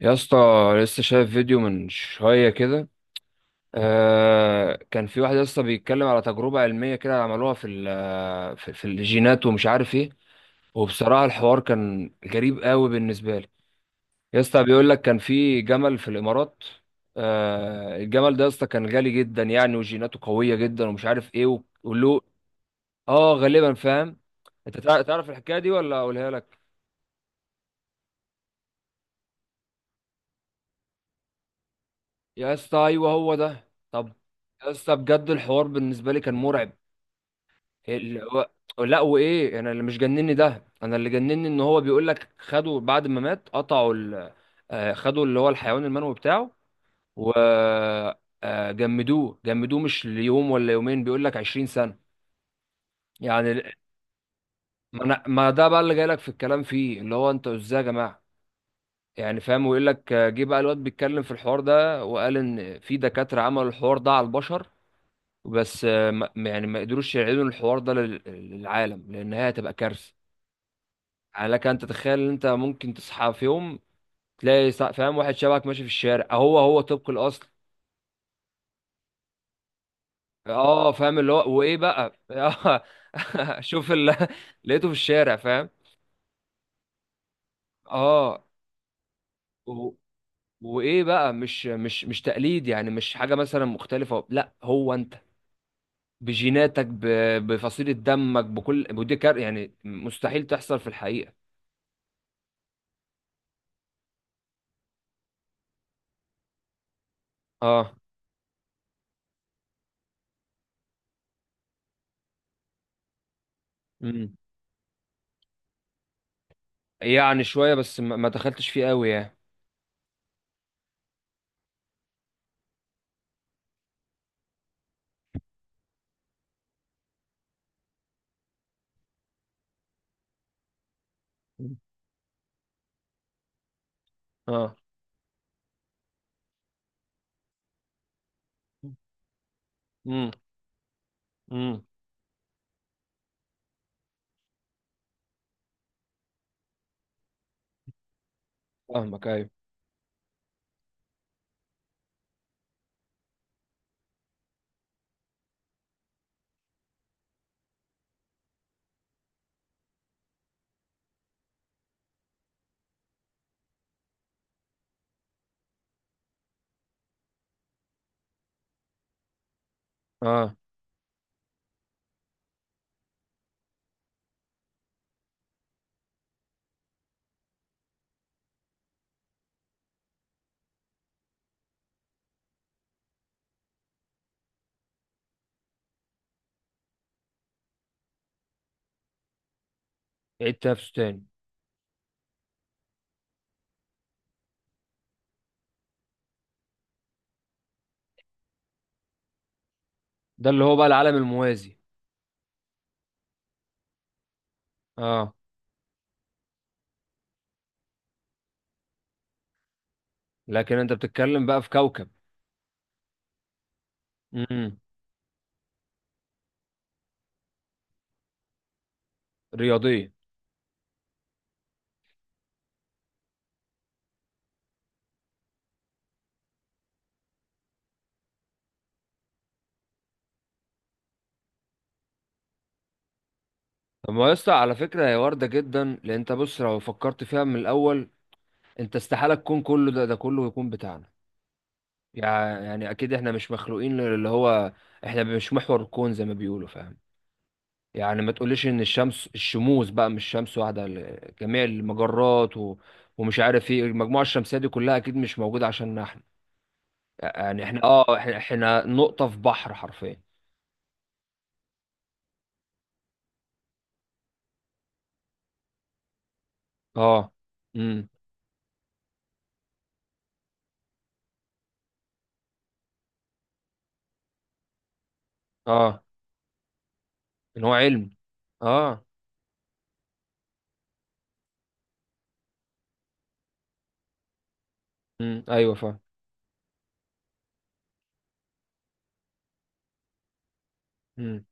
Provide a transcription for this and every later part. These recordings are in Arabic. يا اسطى، لسه شايف فيديو من شوية كده. آه، كان في واحد يا اسطى بيتكلم على تجربة علمية كده عملوها في ال- في في الجينات ومش عارف ايه. وبصراحة الحوار كان غريب قوي بالنسبة لي. يا اسطى، بيقول لك كان في جمل في الإمارات. آه، الجمل ده يا اسطى كان غالي جدا يعني وجيناته قوية جدا ومش عارف ايه وله. اه، غالبا فاهم. انت تعرف الحكاية دي ولا اقولها لك؟ يا اسطى ايوه، هو ده. طب، يا اسطى بجد الحوار بالنسبة لي كان مرعب. اللي هو، لا وايه، انا اللي مش جنني ده، انا اللي جنني ان هو بيقول لك خدوا بعد ما مات قطعوا ال... آه، خدوا اللي هو الحيوان المنوي بتاعه. و جمدوه جمدوه مش ليوم ولا يومين، بيقول لك 20 سنة. يعني ما ده بقى اللي جاي لك في الكلام فيه، اللي هو انتوا ازاي يا جماعة؟ يعني فاهم. ويقول لك جه بقى الواد بيتكلم في الحوار ده وقال ان في دكاترة عملوا الحوار ده على البشر. بس يعني ما قدروش يعيدوا الحوار ده للعالم لان هي هتبقى كارثة. يعني لك ان تتخيل ان انت ممكن تصحى في يوم، تلاقي فاهم واحد شبهك ماشي في الشارع، هو هو طبق الاصل. اه فاهم، اللي هو وايه بقى شوف اللي لقيته في الشارع، فاهم. اه. و... وايه بقى؟ مش تقليد، يعني مش حاجه مثلا مختلفه. لا، هو انت بجيناتك بفصيله دمك بكل ودي كار، يعني مستحيل تحصل في الحقيقه. اه. امم. يعني شويه بس، ما دخلتش فيه قوي يعني. اه. امم. فاهمك ايوه، اه. يعيد تنافسه تاني. ده اللي هو بقى العالم الموازي. اه. لكن انت بتتكلم بقى في كوكب. امم. رياضيه. طب ما يا اسطى، على فكره هي وارده جدا، لان انت بص لو فكرت فيها من الاول، انت استحاله تكون كله ده، ده كله يكون بتاعنا. يعني اكيد احنا مش مخلوقين، اللي هو احنا مش محور الكون زي ما بيقولوا، فاهم. يعني ما تقوليش ان الشمس، الشموس بقى مش شمس واحده، جميع المجرات و... ومش عارف ايه، المجموعه الشمسيه دي كلها اكيد مش موجوده عشان احنا. يعني احنا، احنا نقطة في بحر حرفيا. اه. امم. اه، ان هو علم. اه. ايوه فاهم. امم.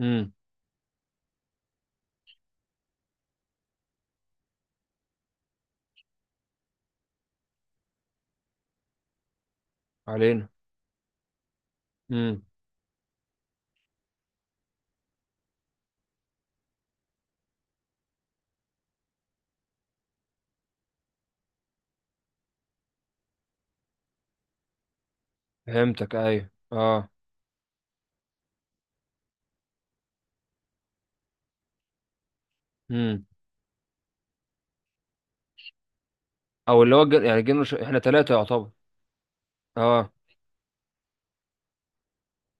امم. علينا. امم. فهمتك ايوه، اه. امم. او اللي هو جن... يعني جن ش... احنا ثلاثة يعتبر. اه.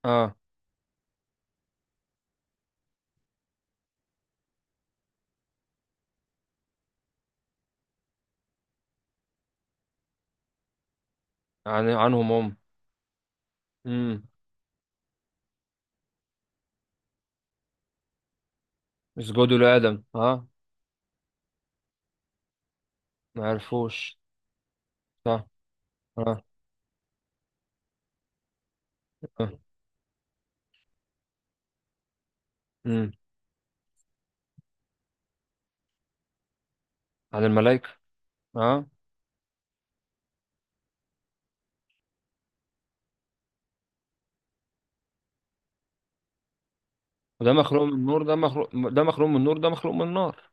اه. عن... عنهم هم. امم. اسجدوا لآدم، اه. ما عرفوش. صح. اه. اه. امم. عن الملائكة. اه. وده مخلوق من النور، ده مخلوق، ده مخلوق من النور، ده مخلوق من النار.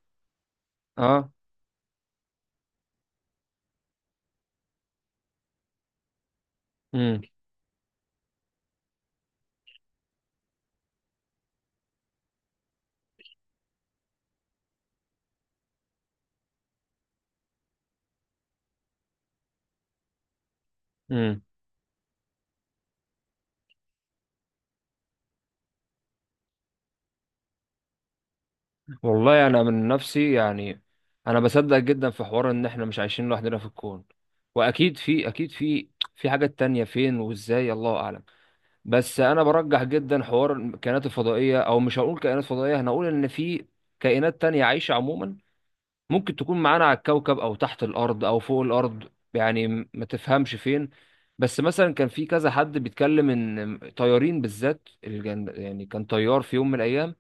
اه. امم. والله انا من نفسي يعني، انا بصدق جدا في حوار ان احنا مش عايشين لوحدنا في الكون. واكيد في، اكيد في في حاجات تانية، فين وازاي الله اعلم. بس انا برجح جدا حوار الكائنات الفضائية. او مش هقول كائنات فضائية، هنقول ان في كائنات تانية عايشة عموما. ممكن تكون معانا على الكوكب، او تحت الارض، او فوق الارض. يعني ما تفهمش فين. بس مثلا كان في كذا حد بيتكلم ان طيارين بالذات، يعني كان طيار في يوم من الايام،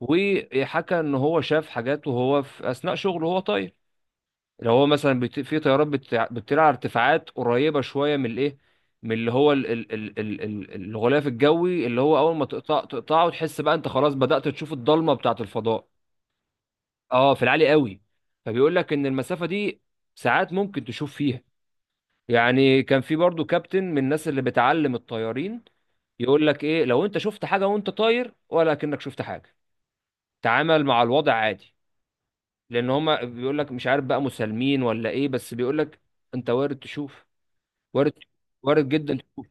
وحكى ان هو شاف حاجات وهو في اثناء شغله وهو طاير. اللي هو مثلا في طيارات بتطير على ارتفاعات قريبه شويه من الايه، من اللي هو الغلاف الجوي اللي هو اول ما تقطع تقطعه، تحس بقى انت خلاص بدأت تشوف الضلمه بتاعه الفضاء. اه في العالي قوي. فبيقول لك ان المسافه دي ساعات ممكن تشوف فيها. يعني كان في برضو كابتن من الناس اللي بتعلم الطيارين، يقول لك ايه لو انت شفت حاجه وانت طاير، ولا كأنك شفت حاجه، تعامل مع الوضع عادي. لان هما بيقول لك مش عارف بقى مسالمين ولا ايه، بس بيقول لك انت وارد تشوف. وارد. وارد جدا تشوف.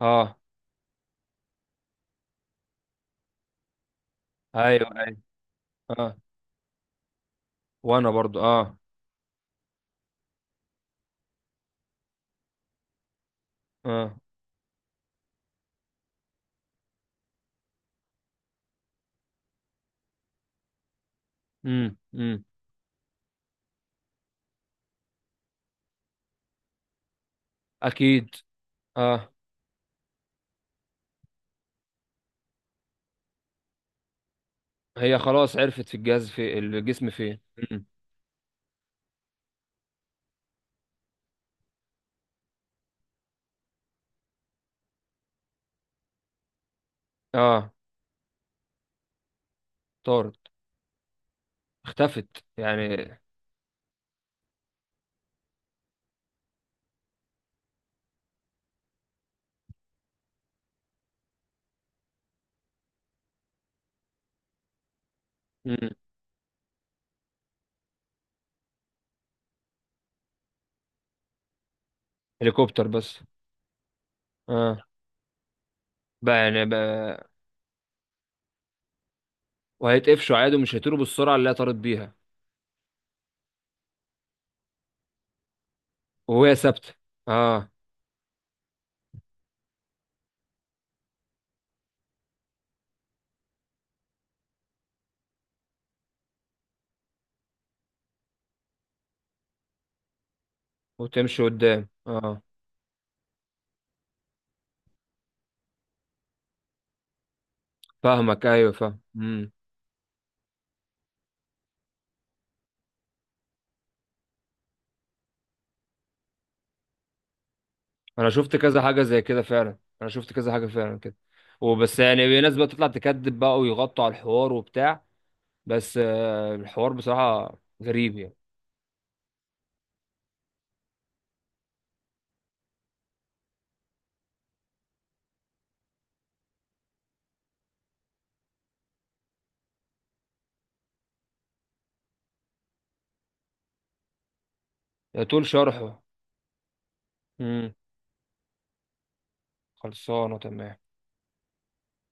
اه. ايوه ايوه. اه. وانا برضو اه. اه. امم. امم. اكيد. اه. هي خلاص عرفت في الجهاز، في الجسم فين. أمم. اه. طارت. اختفت يعني. امم. هليكوبتر بس. اه بقى يعني بقى. وهيتقفشوا عادي، ومش هيطيروا بالسرعه اللي هي طارت بيها. وهي ثابته. اه. وتمشي قدام، اه. فاهمك ايوه، فاهم. مم. انا شفت كذا حاجه زي كده فعلا، انا شفت كذا حاجه فعلا كده. وبس يعني في ناس بقى تطلع تكذب بقى ويغطوا على الحوار وبتاع. بس الحوار بصراحه غريب يعني. يطول شرحه. امم. خلصانه تمام.